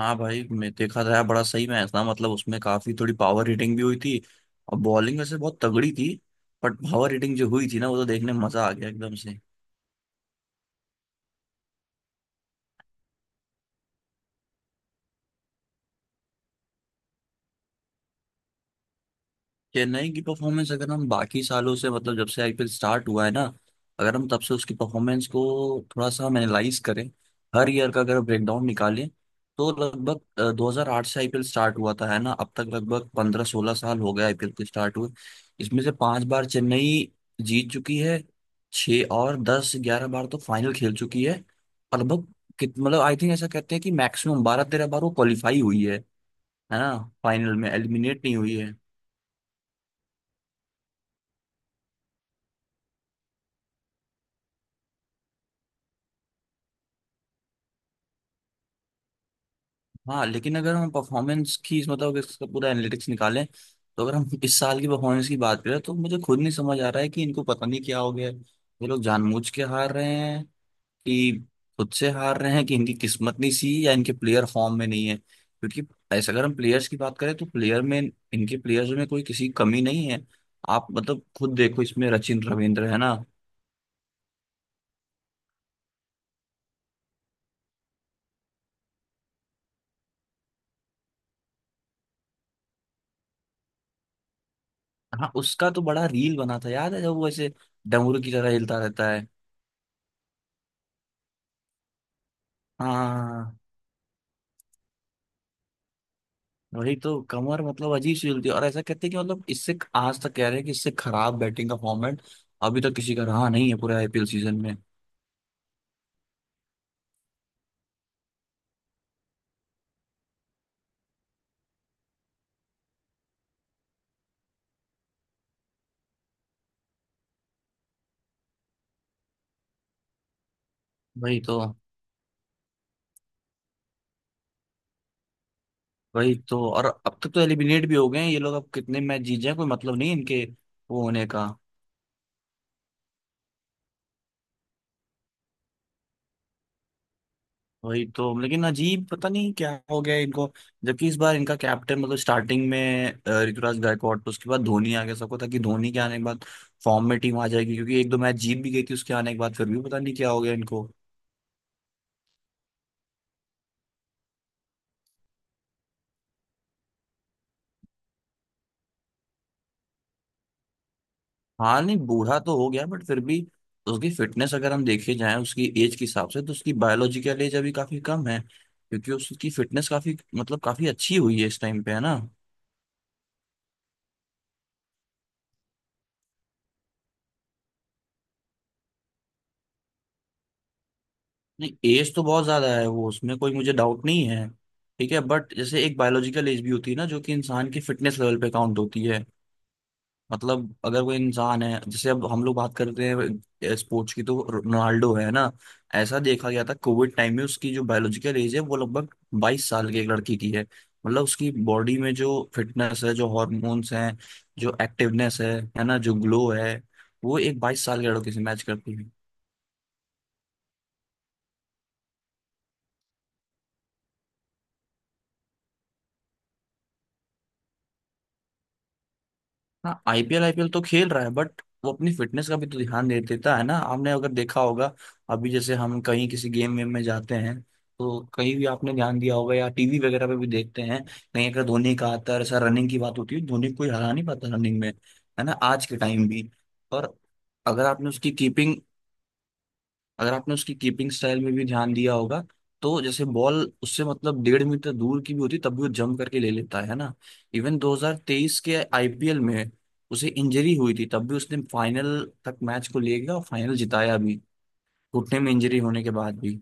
हाँ भाई मैं देखा था यार, बड़ा सही मैच था मतलब उसमें काफी थोड़ी पावर हिटिंग भी हुई थी। और बॉलिंग वैसे बहुत तगड़ी थी। बट पावर हिटिंग जो हुई थी ना वो तो देखने में मजा आ गया एकदम से। चेन्नई की परफॉर्मेंस अगर हम बाकी सालों से मतलब जब से आईपीएल स्टार्ट हुआ है ना, अगर हम तब से उसकी परफॉर्मेंस को थोड़ा सा हम एनालाइज करें, हर ईयर का अगर ब्रेकडाउन निकालें, तो लगभग 2008 से आईपीएल स्टार्ट हुआ था, है ना। अब तक लगभग 15-16 साल हो गए आईपीएल के स्टार्ट हुए। इसमें से पांच बार चेन्नई जीत चुकी है। छः और 10 11 बार तो फाइनल खेल चुकी है। और लगभग कित मतलब आई थिंक ऐसा कहते हैं कि मैक्सिमम 12 13 बार वो क्वालिफाई हुई है ना। फाइनल में एलिमिनेट नहीं हुई है। हाँ, लेकिन अगर हम परफॉर्मेंस की मतलब इसका पूरा एनालिटिक्स निकालें, तो अगर हम इस साल की परफॉर्मेंस की बात करें तो मुझे खुद नहीं समझ आ रहा है कि इनको पता नहीं क्या हो गया है, ये लोग जानबूझ के हार रहे हैं कि खुद से हार रहे हैं कि इनकी किस्मत नहीं सी या इनके प्लेयर फॉर्म में नहीं है, क्योंकि ऐसा अगर हम प्लेयर्स की बात करें तो प्लेयर में इनके प्लेयर्स में कोई किसी की कमी नहीं है। आप मतलब खुद देखो, इसमें सचिन रविंद्र है ना। हाँ, उसका तो बड़ा रील बना था, याद है जब वो ऐसे डमरू की तरह हिलता रहता है। हाँ हाँ, हाँ, हाँ। वही तो, कमर मतलब अजीब सी चलती है, और ऐसा कहते हैं कि मतलब इससे आज तक कह रहे हैं कि इससे खराब बैटिंग का फॉर्मेट अभी तक किसी का रहा नहीं है पूरे आईपीएल सीजन में। वही तो वही तो, और अब तक तो एलिमिनेट भी हो गए हैं ये लोग, अब कितने मैच जीत जाए कोई मतलब नहीं इनके वो होने का। वही तो, लेकिन अजीब, पता नहीं क्या हो गया इनको। जबकि इस बार इनका कैप्टन मतलब स्टार्टिंग में ऋतुराज गायकवाड, तो उसके बाद धोनी आ गया, सबको था कि धोनी के आने के बाद फॉर्म में टीम आ जाएगी क्योंकि एक दो मैच जीत भी गई थी उसके आने के बाद, फिर भी पता नहीं क्या हो गया इनको। हाँ, नहीं बूढ़ा तो हो गया बट फिर भी तो उसकी फिटनेस अगर हम देखे जाएं उसकी एज के हिसाब से तो उसकी बायोलॉजिकल एज अभी काफी कम है, क्योंकि उसकी फिटनेस काफी मतलब काफी अच्छी हुई है इस टाइम पे, है ना। नहीं, एज तो बहुत ज्यादा है, वो उसमें कोई मुझे डाउट नहीं है। ठीक है, बट जैसे एक बायोलॉजिकल एज भी होती है ना, जो कि इंसान की फिटनेस लेवल पे काउंट होती है। मतलब अगर कोई इंसान है, जैसे अब हम लोग बात करते हैं स्पोर्ट्स की तो रोनाल्डो है ना। ऐसा देखा गया था कोविड टाइम में उसकी जो बायोलॉजिकल एज है वो लगभग 22 साल की एक लड़की की है। मतलब उसकी बॉडी में जो फिटनेस है, जो हॉर्मोन्स हैं, जो एक्टिवनेस है ना, जो ग्लो है, वो एक 22 साल के लड़के से मैच करती है। हाँ, आईपीएल आईपीएल तो खेल रहा है, बट वो अपनी फिटनेस का भी तो ध्यान दे देता है ना, आपने अगर देखा होगा। अभी जैसे हम कहीं किसी गेम वेम में जाते हैं, तो कहीं भी आपने ध्यान दिया होगा या टीवी वगैरह पे भी देखते हैं, कहीं अगर धोनी का आता है, ऐसा रनिंग की बात होती है, धोनी को कोई हरा नहीं पाता रनिंग में, है ना, आज के टाइम भी। और अगर आपने उसकी कीपिंग अगर आपने उसकी कीपिंग स्टाइल में भी ध्यान दिया होगा, तो जैसे बॉल उससे मतलब 1.5 मीटर दूर की भी होती तब भी वो जंप करके ले लेता है ना। इवन 2023 के आईपीएल में उसे इंजरी हुई थी, तब भी उसने फाइनल तक मैच को ले गया और फाइनल जिताया भी, घुटने में इंजरी होने के बाद भी।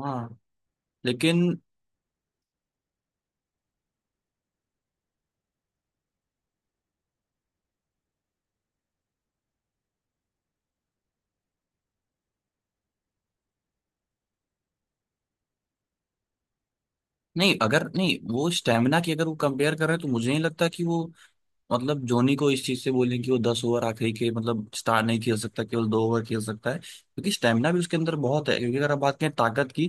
हाँ लेकिन नहीं, अगर नहीं वो स्टेमिना की अगर वो कंपेयर कर रहे हैं तो मुझे नहीं लगता कि वो मतलब धोनी को इस चीज से बोलें कि वो 10 ओवर आखिरी के मतलब स्टार नहीं खेल सकता, केवल 2 ओवर खेल सकता है, क्योंकि स्टेमिना भी उसके अंदर बहुत है, क्योंकि अगर आप बात करें ताकत की,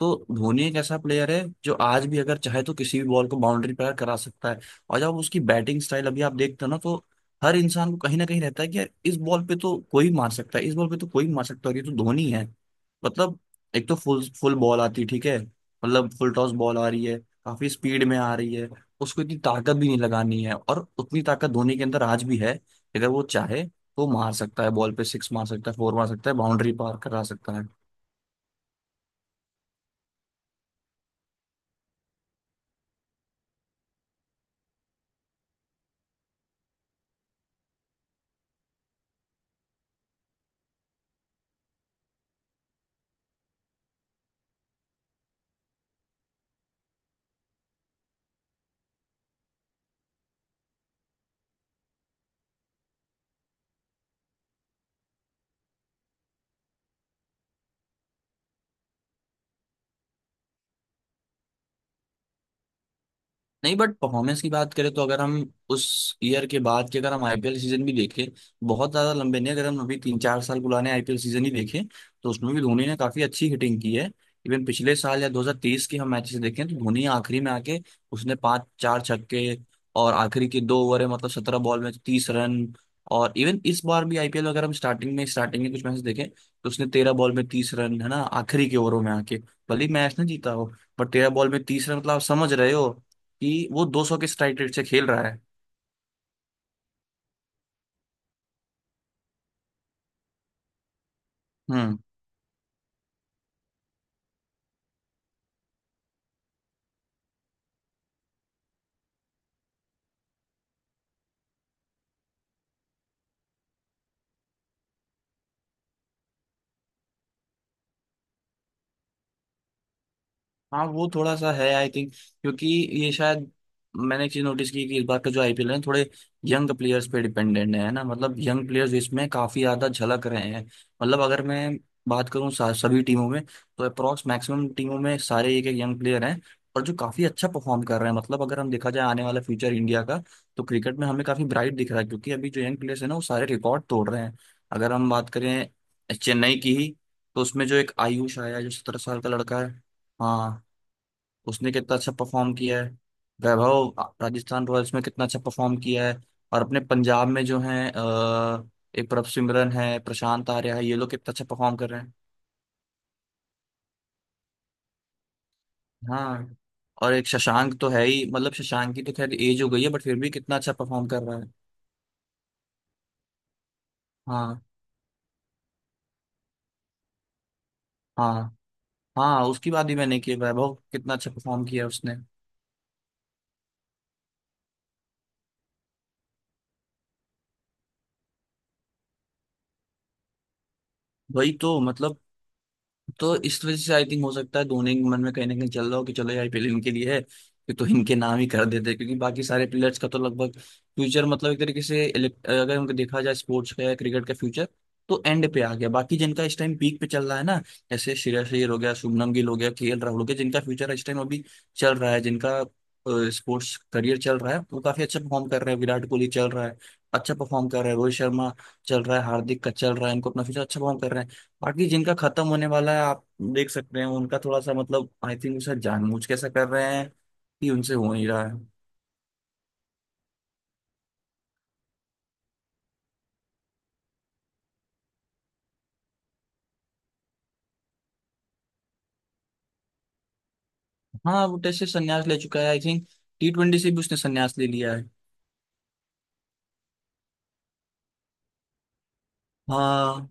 तो धोनी एक ऐसा प्लेयर है जो आज भी अगर चाहे तो किसी भी बॉल को बाउंड्री पार करा सकता है। और जब उसकी बैटिंग स्टाइल अभी आप देखते हो ना, तो हर इंसान को कहीं ना कहीं रहता है कि यार इस बॉल पे तो कोई मार सकता है, इस बॉल पे तो कोई मार सकता है, और ये तो धोनी है, मतलब एक तो फुल फुल बॉल आती है, ठीक है, मतलब फुल टॉस बॉल आ रही है, काफी स्पीड में आ रही है, उसको इतनी ताकत भी नहीं लगानी है, और उतनी ताकत धोनी के अंदर आज भी है, अगर वो चाहे तो मार सकता है, बॉल पे सिक्स मार सकता है, फोर मार सकता है, बाउंड्री पार करा सकता है। नहीं, बट परफॉर्मेंस की बात करें तो अगर हम उस ईयर के बाद के अगर हम आईपीएल सीजन भी देखें, बहुत ज्यादा लंबे नहीं, अगर हम अभी तीन चार साल पुराने आईपीएल सीजन ही देखें तो उसमें भी धोनी ने काफी अच्छी हिटिंग की है। इवन पिछले साल या 2023 के हम मैचेस देखें तो धोनी आखिरी में आके उसने पांच चार छक्के, और आखिरी के दो ओवर है, मतलब 17 बॉल में 30 रन। और इवन इस बार भी आईपीएल अगर हम स्टार्टिंग में कुछ मैचेस देखें, तो उसने 13 बॉल में 30 रन, है ना, आखिरी के ओवरों में आके, भले ही मैच ना जीता हो। बट 13 बॉल में 30 रन मतलब आप समझ रहे हो कि वो 200 के स्ट्राइक रेट से खेल रहा है। हम्म। हाँ वो थोड़ा सा है आई थिंक, क्योंकि ये शायद मैंने एक चीज नोटिस की, कि इस बार का जो आईपीएल है थोड़े यंग प्लेयर्स पे डिपेंडेंट है ना, मतलब यंग प्लेयर्स इसमें काफी ज्यादा झलक रहे हैं। मतलब अगर मैं बात करूँ सभी टीमों में, तो अप्रोक्स मैक्सिमम टीमों में सारे एक एक यंग प्लेयर हैं, और जो काफी अच्छा परफॉर्म कर रहे हैं, मतलब अगर हम देखा जाए आने वाला फ्यूचर इंडिया का, तो क्रिकेट में हमें काफी ब्राइट दिख रहा है, क्योंकि अभी जो यंग प्लेयर्स है ना वो सारे रिकॉर्ड तोड़ रहे हैं। अगर हम बात करें चेन्नई की ही, तो उसमें जो एक आयुष आया है, जो 17 साल का लड़का है। हाँ, उसने कितना अच्छा परफॉर्म किया है। वैभव राजस्थान रॉयल्स में कितना अच्छा परफॉर्म किया है। और अपने पंजाब में जो है, एक प्रभ सिमरन है, प्रशांत आर्या है, ये लोग कितना अच्छा परफॉर्म कर रहे हैं। हाँ। और एक शशांक तो है ही, मतलब शशांक की तो खैर एज हो गई है, बट फिर भी कितना अच्छा परफॉर्म कर रहा है। हाँ। हाँ हाँ, उसकी बात ही मैंने की है, वैभव कितना अच्छा परफॉर्म किया उसने। वही तो मतलब, तो इस वजह से आई थिंक हो सकता है धोनी के मन में कहीं ना कहीं चल रहा हो कि चलो ये आईपीएल इनके लिए है, कि तो इनके नाम ही कर देते हैं। क्योंकि बाकी सारे प्लेयर्स का तो लगभग फ्यूचर मतलब एक तरीके से अगर उनको देखा जाए स्पोर्ट्स का या क्रिकेट का फ्यूचर, तो एंड पे आ गया, बाकी जिनका इस टाइम पीक पे चल रहा है ना, जैसे श्रेयस अय्यर हो गया, शुभमन गिल हो गया, केएल राहुल हो गया, जिनका फ्यूचर इस टाइम अभी चल रहा है, जिनका स्पोर्ट्स करियर चल रहा है, वो काफी अच्छा परफॉर्म कर रहे हैं, विराट कोहली चल रहा है, अच्छा परफॉर्म कर रहा है, रोहित शर्मा चल रहा है, हार्दिक का चल रहा है, इनको अपना फ्यूचर, अच्छा परफॉर्म कर रहे हैं। बाकी जिनका खत्म होने वाला है आप देख सकते हैं, उनका थोड़ा सा मतलब आई थिंक शायद जानबूझ कैसा कर रहे हैं, कि उनसे हो नहीं रहा है। हाँ, वो टेस्ट से संन्यास ले चुका है आई थिंक, टी ट्वेंटी से भी उसने संन्यास ले लिया है। हाँ,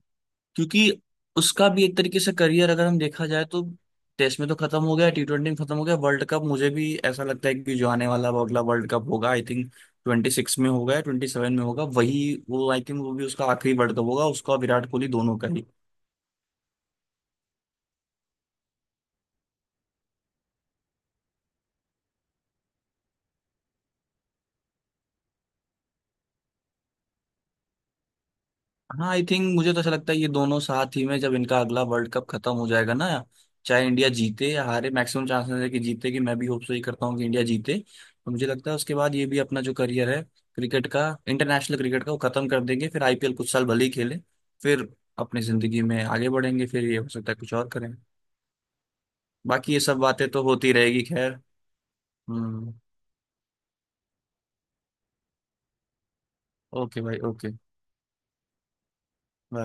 क्योंकि उसका भी एक तरीके से करियर अगर हम देखा जाए, तो टेस्ट में तो खत्म हो गया, टी ट्वेंटी में खत्म हो गया, वर्ल्ड कप मुझे भी ऐसा लगता है कि जो आने वाला वो अगला वर्ल्ड कप होगा, आई थिंक 2026 में होगा या 2027 में होगा, वही वो, आई थिंक वो भी उसका आखिरी वर्ल्ड कप होगा, उसका और विराट कोहली दोनों का ही। हाँ, आई थिंक मुझे तो ऐसा लगता है ये दोनों साथ ही में, जब इनका अगला वर्ल्ड कप खत्म हो जाएगा ना, चाहे इंडिया जीते या हारे, मैक्सिमम चांसेस है कि जीते, कि मैं भी होप सो ही करता हूँ कि इंडिया जीते, तो मुझे लगता है उसके बाद ये भी अपना जो करियर है क्रिकेट का, इंटरनेशनल क्रिकेट का वो खत्म कर देंगे, फिर आईपीएल कुछ साल भले ही खेले, फिर अपनी जिंदगी में आगे बढ़ेंगे, फिर ये हो सकता है कुछ और करें। बाकी ये सब बातें तो होती रहेगी खैर। हम्म। ओके भाई, ओके।